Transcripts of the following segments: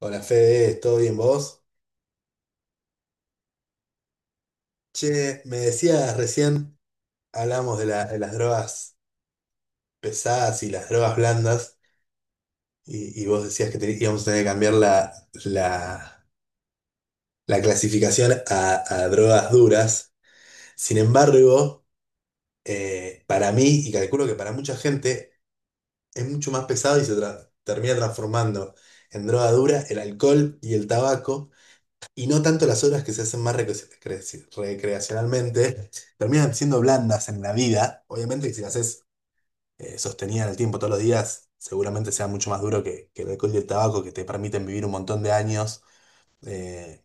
Hola Fede, ¿todo bien vos? Che, me decías recién, hablamos de las drogas pesadas y las drogas blandas, y vos decías que íbamos a tener que cambiar la- la clasificación a drogas duras. Sin embargo, para mí, y calculo que para mucha gente, es mucho más pesado y se termina transformando en droga dura el alcohol y el tabaco. Y no tanto las obras que se hacen más recreacionalmente, terminan siendo blandas en la vida. Obviamente que si las haces sostenidas en el tiempo todos los días, seguramente sea mucho más duro que el alcohol y el tabaco, que te permiten vivir un montón de años eh,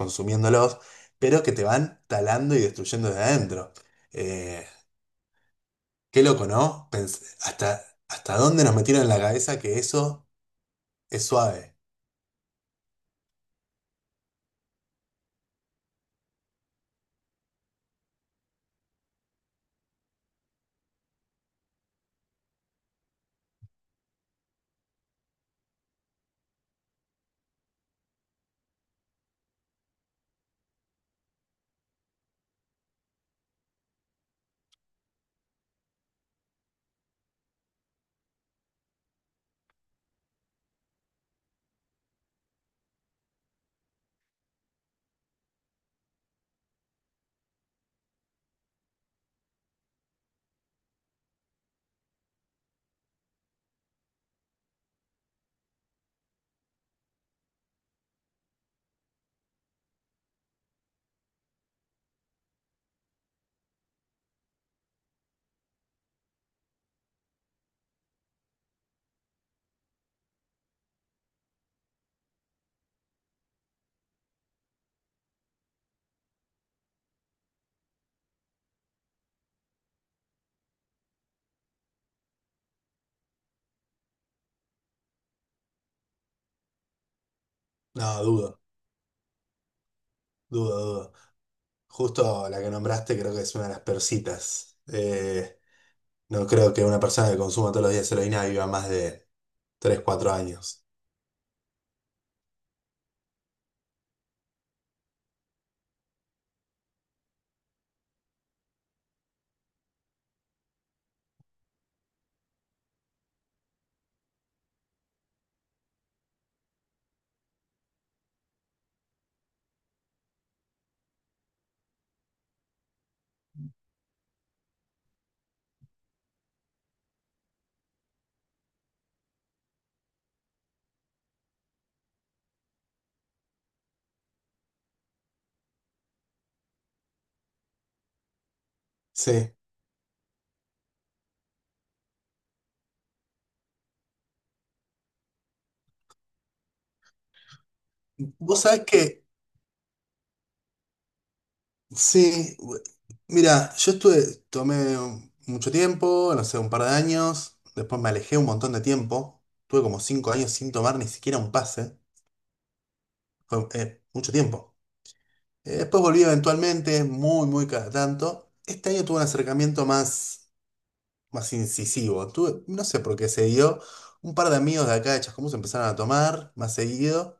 consumiéndolos, pero que te van talando y destruyendo desde adentro. Eh, qué loco, ¿no? Hasta, ¿hasta dónde nos metieron en la cabeza que eso es suave? No, dudo, dudo, dudo. Justo la que nombraste creo que es una de las persitas. No creo que una persona que consuma todos los días heroína viva más de tres cuatro años. Sí. Vos sabés que, sí, mira, yo estuve, mucho tiempo, no sé, un par de años, después me alejé un montón de tiempo, tuve como 5 años sin tomar ni siquiera un pase, fue mucho tiempo. Después volví eventualmente, muy, muy cada tanto. Este año tuve un acercamiento más incisivo. No sé por qué se dio. Un par de amigos de acá de Chascomús empezaron a tomar más seguido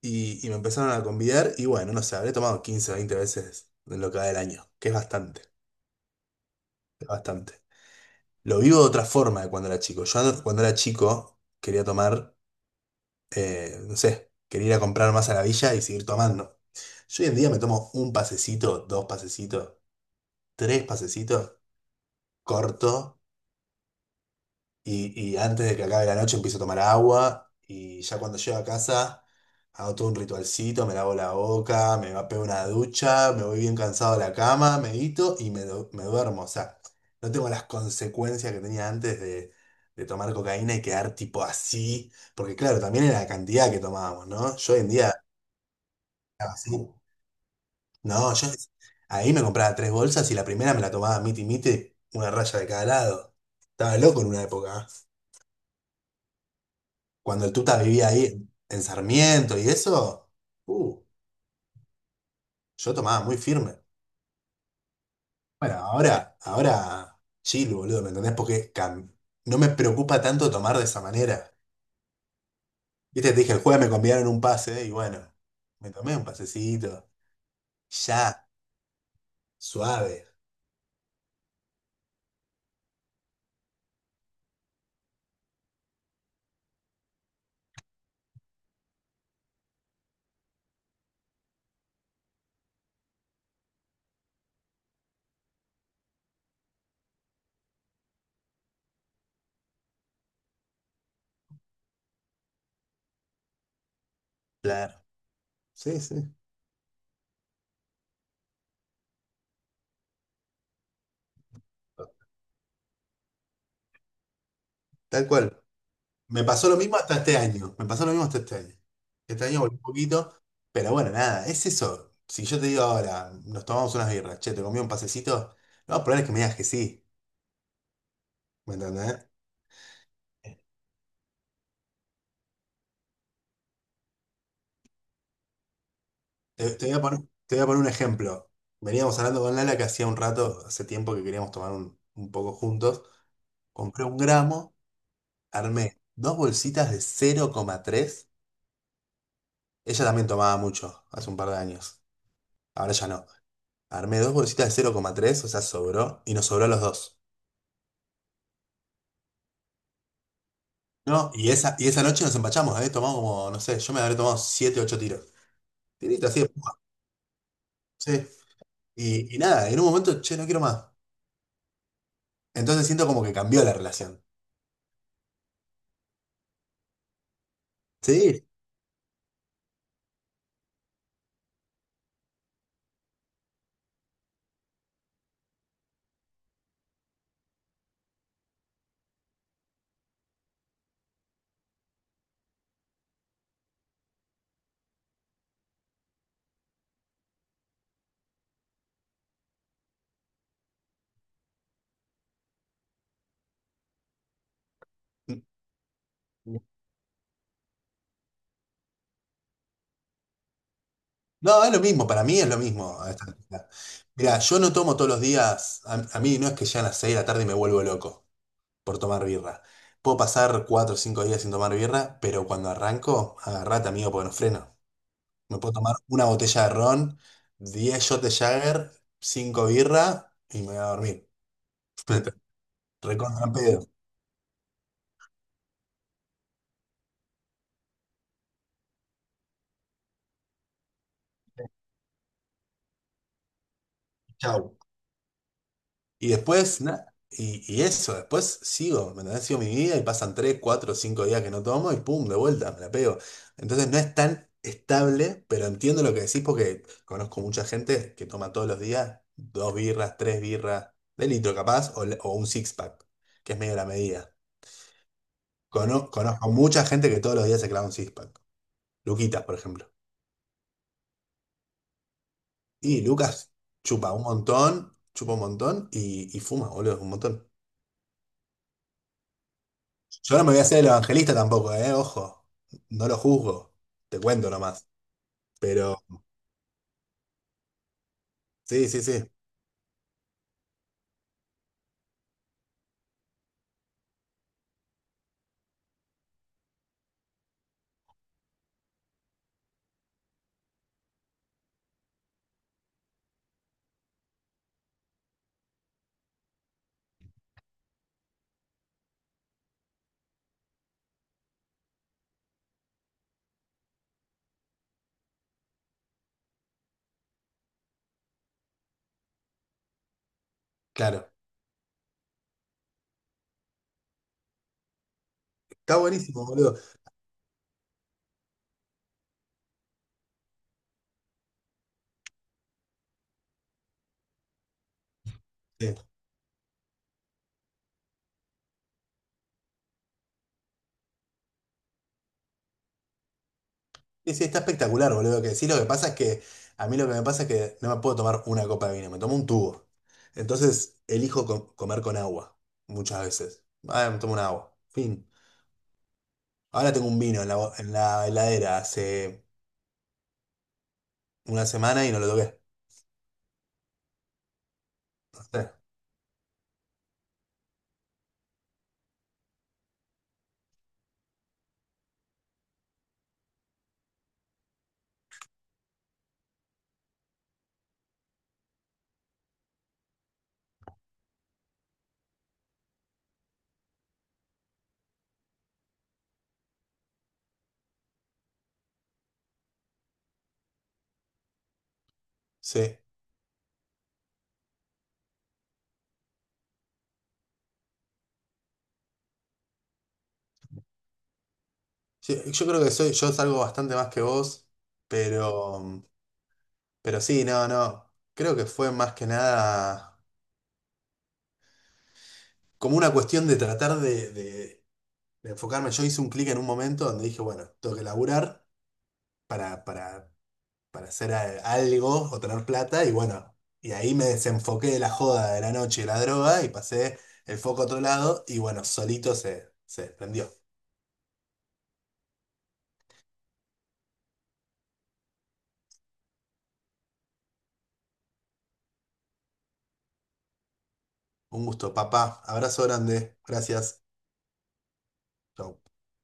y me empezaron a convidar. Y bueno, no sé, habré tomado 15 o 20 veces en lo que va del año, que es bastante, es bastante. Lo vivo de otra forma de cuando era chico. Yo antes, cuando era chico quería tomar, no sé, quería ir a comprar más a la villa y seguir tomando. Yo hoy en día me tomo un pasecito, dos pasecitos, tres pasecitos, corto. Y antes de que acabe la noche empiezo a tomar agua y ya cuando llego a casa hago todo un ritualcito, me lavo la boca, pego una ducha, me voy bien cansado a la cama, medito y me duermo. O sea, no tengo las consecuencias que tenía antes de tomar cocaína y quedar tipo así, porque claro, también era la cantidad que tomábamos, ¿no? Yo hoy en día estaba así. No, yo ahí me compraba tres bolsas y la primera me la tomaba miti miti, una raya de cada lado. Estaba loco en una época. ¿Eh? Cuando el Tuta vivía ahí en Sarmiento y eso, uh, yo tomaba muy firme. Bueno, ahora, ahora, chill, boludo, ¿me entendés? Porque no me preocupa tanto tomar de esa manera. Viste, te dije, el jueves me convidaron un pase y bueno, me tomé un pasecito, ya, suave. Claro. Sí, sí, tal cual. Me pasó lo mismo hasta este año. Me pasó lo mismo hasta este año. Este año volví un poquito, pero bueno, nada, es eso. Si yo te digo ahora, nos tomamos unas birras, che, te comí un pasecito, no, probable es que me digas que sí. ¿Me entendés? Te, te voy a poner, te voy a poner un ejemplo. Veníamos hablando con Lala que hacía un rato, hace tiempo que queríamos tomar un poco juntos. Compré un gramo, armé dos bolsitas de cero coma tres. Ella también tomaba mucho hace un par de años. Ahora ya no. Armé dos bolsitas de cero coma tres, o sea, sobró, y nos sobró a los dos. No, y esa noche nos empachamos, ¿eh? Tomamos como, no sé, yo me habré tomado siete, ocho tiros. Tirito así de puma, sí. Y nada, en un momento, che, no quiero más. Entonces siento como que cambió la relación. Sí. No, es lo mismo, para mí es lo mismo a esta altura. Mirá, yo no tomo todos los días, a mí no es que ya a las 6 de la tarde me vuelvo loco por tomar birra. Puedo pasar 4 o 5 días sin tomar birra, pero cuando arranco, agarrate, amigo, porque no freno. Me puedo tomar una botella de ron, 10 shots de Jagger, 5 birra y me voy a dormir. Recontra pedo. Chau. Y después, nada. Y eso, después sigo, ¿me entendés? Sigo mi vida y pasan 3 4 5 días que no tomo y pum, de vuelta, me la pego. Entonces no es tan estable, pero entiendo lo que decís porque conozco mucha gente que toma todos los días dos birras, tres birras, de litro capaz, o un six pack, que es medio la medida. Conozco mucha gente que todos los días se clava un six pack. Luquitas, por ejemplo. Y Lucas chupa un montón y fuma, boludo, un montón. Yo no me voy a hacer el evangelista tampoco, ¿eh? Ojo, no lo juzgo, te cuento nomás. Pero sí, sí, sí, claro. Está buenísimo, boludo. Sí, sí, sí, está espectacular, boludo. Que sí, lo que pasa es que a mí lo que me pasa es que no me puedo tomar una copa de vino, me tomo un tubo. Entonces elijo comer con agua, muchas veces. Ah, me tomo un agua, fin. Ahora tengo un vino en en la heladera hace una semana y no lo toqué. Sí, sí. Sí, yo creo que soy, yo salgo bastante más que vos, pero, pero sí, no, no. Creo que fue más que nada como una cuestión de tratar de enfocarme. Yo hice un clic en un momento donde dije, bueno, tengo que laburar para, para, para hacer algo o tener plata, y bueno, y ahí me desenfoqué de la joda de la noche y de la droga y pasé el foco a otro lado, y bueno, solito se prendió. Un gusto, papá. Abrazo grande. Gracias. Chau.